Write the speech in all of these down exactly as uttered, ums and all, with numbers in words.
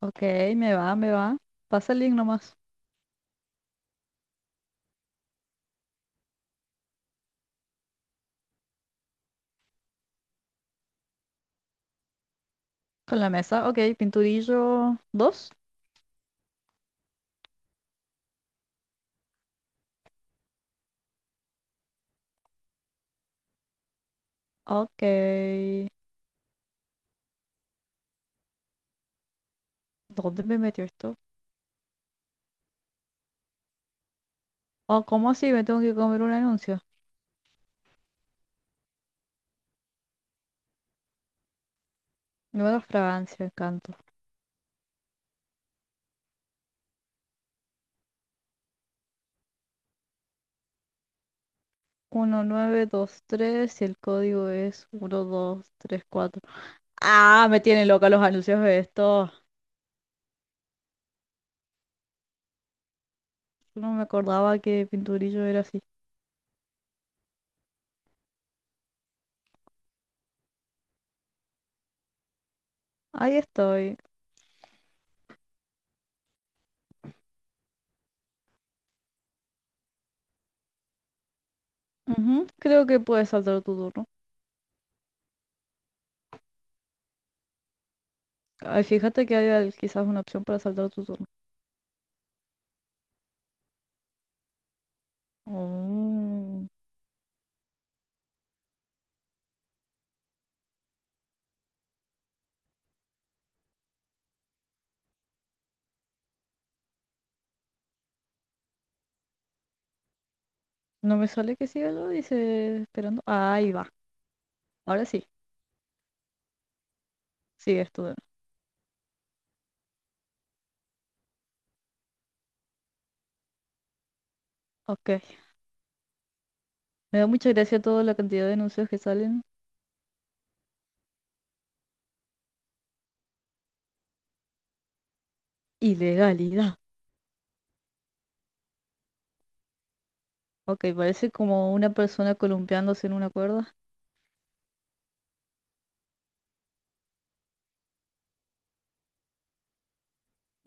Ok, me va, me va. Pasa el link nomás. Con la mesa, ok, pinturillo dos. Ok. ¿Dónde me metió esto? Oh, ¿cómo así? Me tengo que comer un anuncio. Nueva fragancia, encanto. Uno nueve dos tres y el código es uno dos tres cuatro. Ah, me tienen loca los anuncios de esto. No me acordaba que pinturillo era así. Ahí estoy. Ujú, creo que puedes saltar tu turno. Ay, fíjate que hay al- quizás una opción para saltar tu turno. Oh. No me sale que siga lo dice esperando. Ah, ahí va. Ahora sí. Sigues tú. Ok. Me da mucha gracia toda la cantidad de anuncios que salen. Ilegalidad. Ok, parece como una persona columpiándose en una cuerda.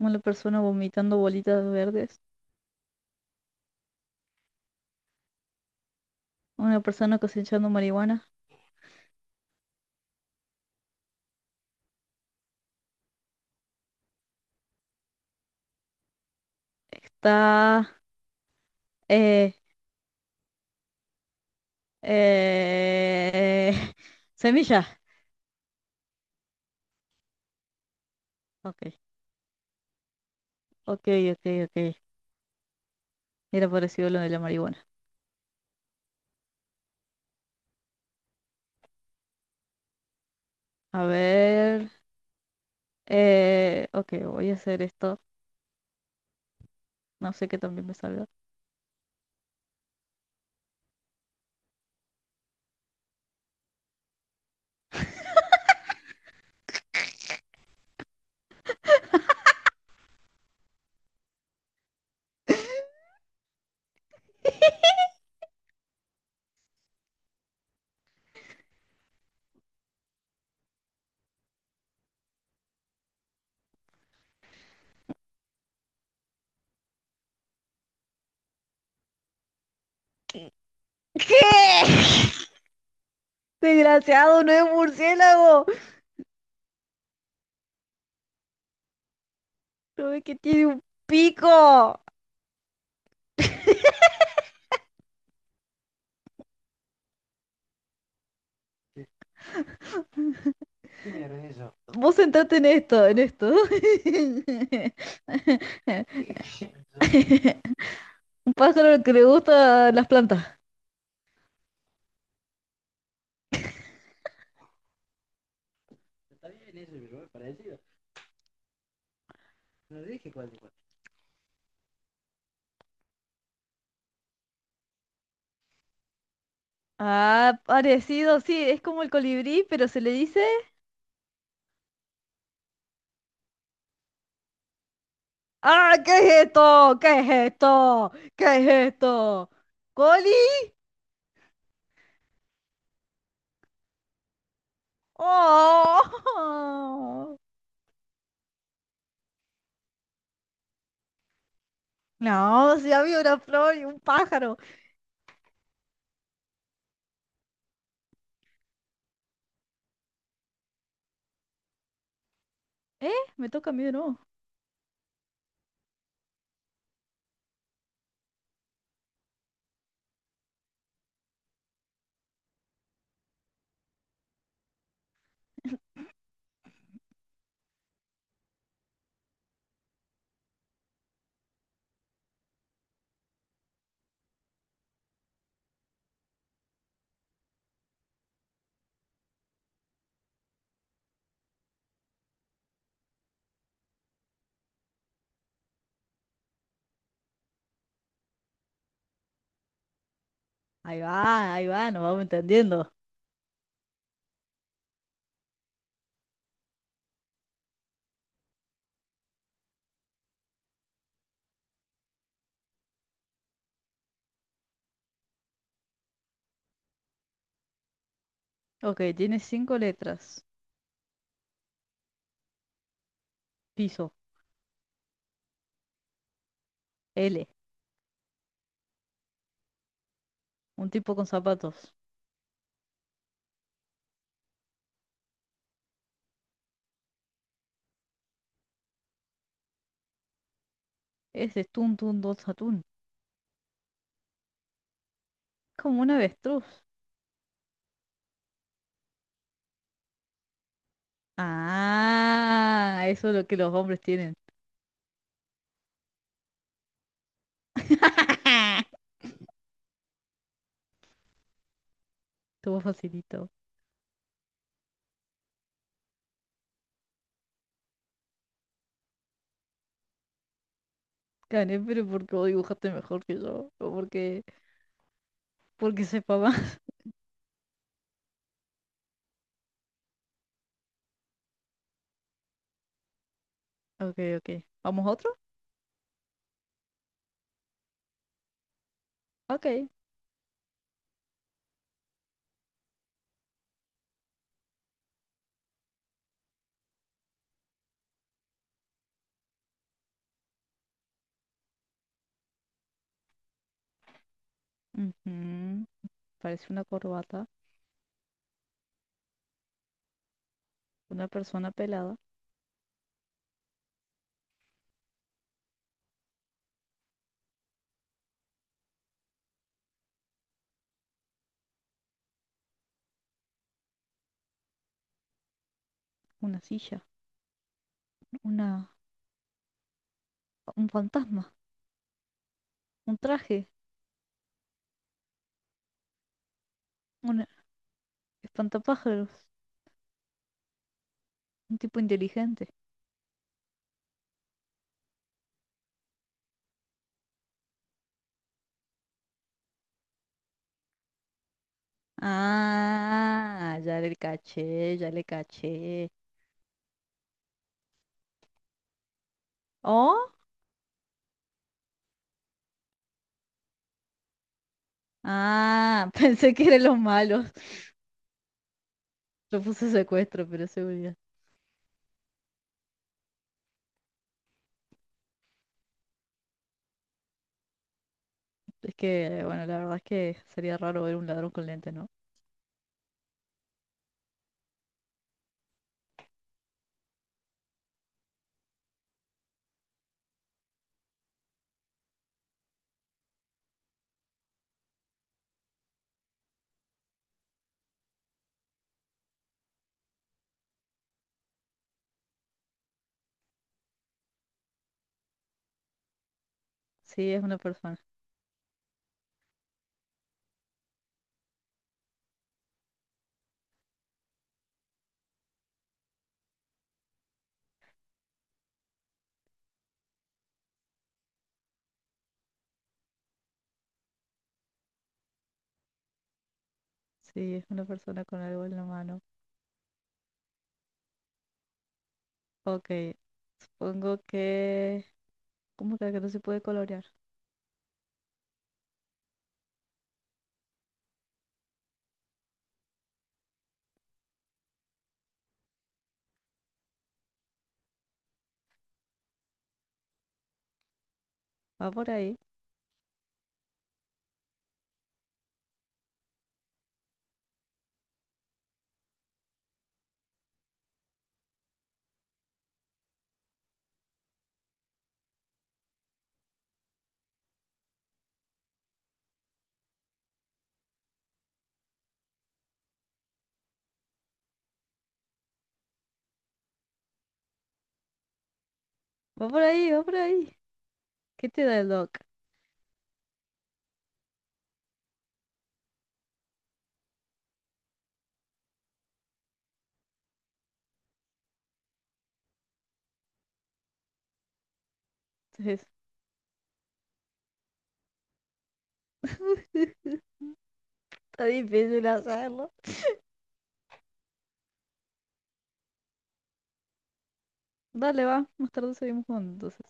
Una persona vomitando bolitas verdes. Una persona cosechando marihuana. Está. Eh... Eh... Semilla. Ok. Ok, ok, ok. Era parecido lo de la marihuana. A ver. Eh... Ok, voy a hacer esto. No sé qué también me salga. ¿Qué? Desgraciado, no es un murciélago. No ves que tiene un pico. Vos centrate en esto, en esto. Un pájaro que le gusta las plantas. Ah, parecido, sí, es como el colibrí, pero se le dice. ¡Ah, qué es esto! ¿Qué es esto? ¿Qué es esto? ¿Coli? ¡Oh! No, si había una flor y un pájaro. ¿Eh? Me toca a mí de nuevo. Ahí va, ahí va, nos vamos entendiendo. Ok, tiene cinco letras. Piso, L, un tipo con zapatos. Ese es tun tun dos atún. Como un avestruz. Ah, eso es lo que los hombres tienen. Estuvo facilito. Gané, pero porque vos dibujaste mejor que yo. O porque, porque sepa más. Ok, ok. ¿Vamos a otro? Ok. Ujú. Parece una corbata, una persona pelada, una silla, una, un fantasma, un traje. Un Espantapájaros, un tipo inteligente. Ah, ya le caché, ya le caché. ¿Oh? Ah, pensé que eran los malos. Yo puse secuestro, pero es seguridad. Es que, bueno, la verdad es que sería raro ver un ladrón con lente, ¿no? Sí, es una persona. Sí, es una persona con algo en la mano. Ok, supongo que. ¿Cómo que que no se puede colorear? Va por ahí, va por ahí, va por ahí. ¿Qué te da el doc? Entonces, está difícil hacerlo. Dale, va. Más tarde seguimos jugando entonces.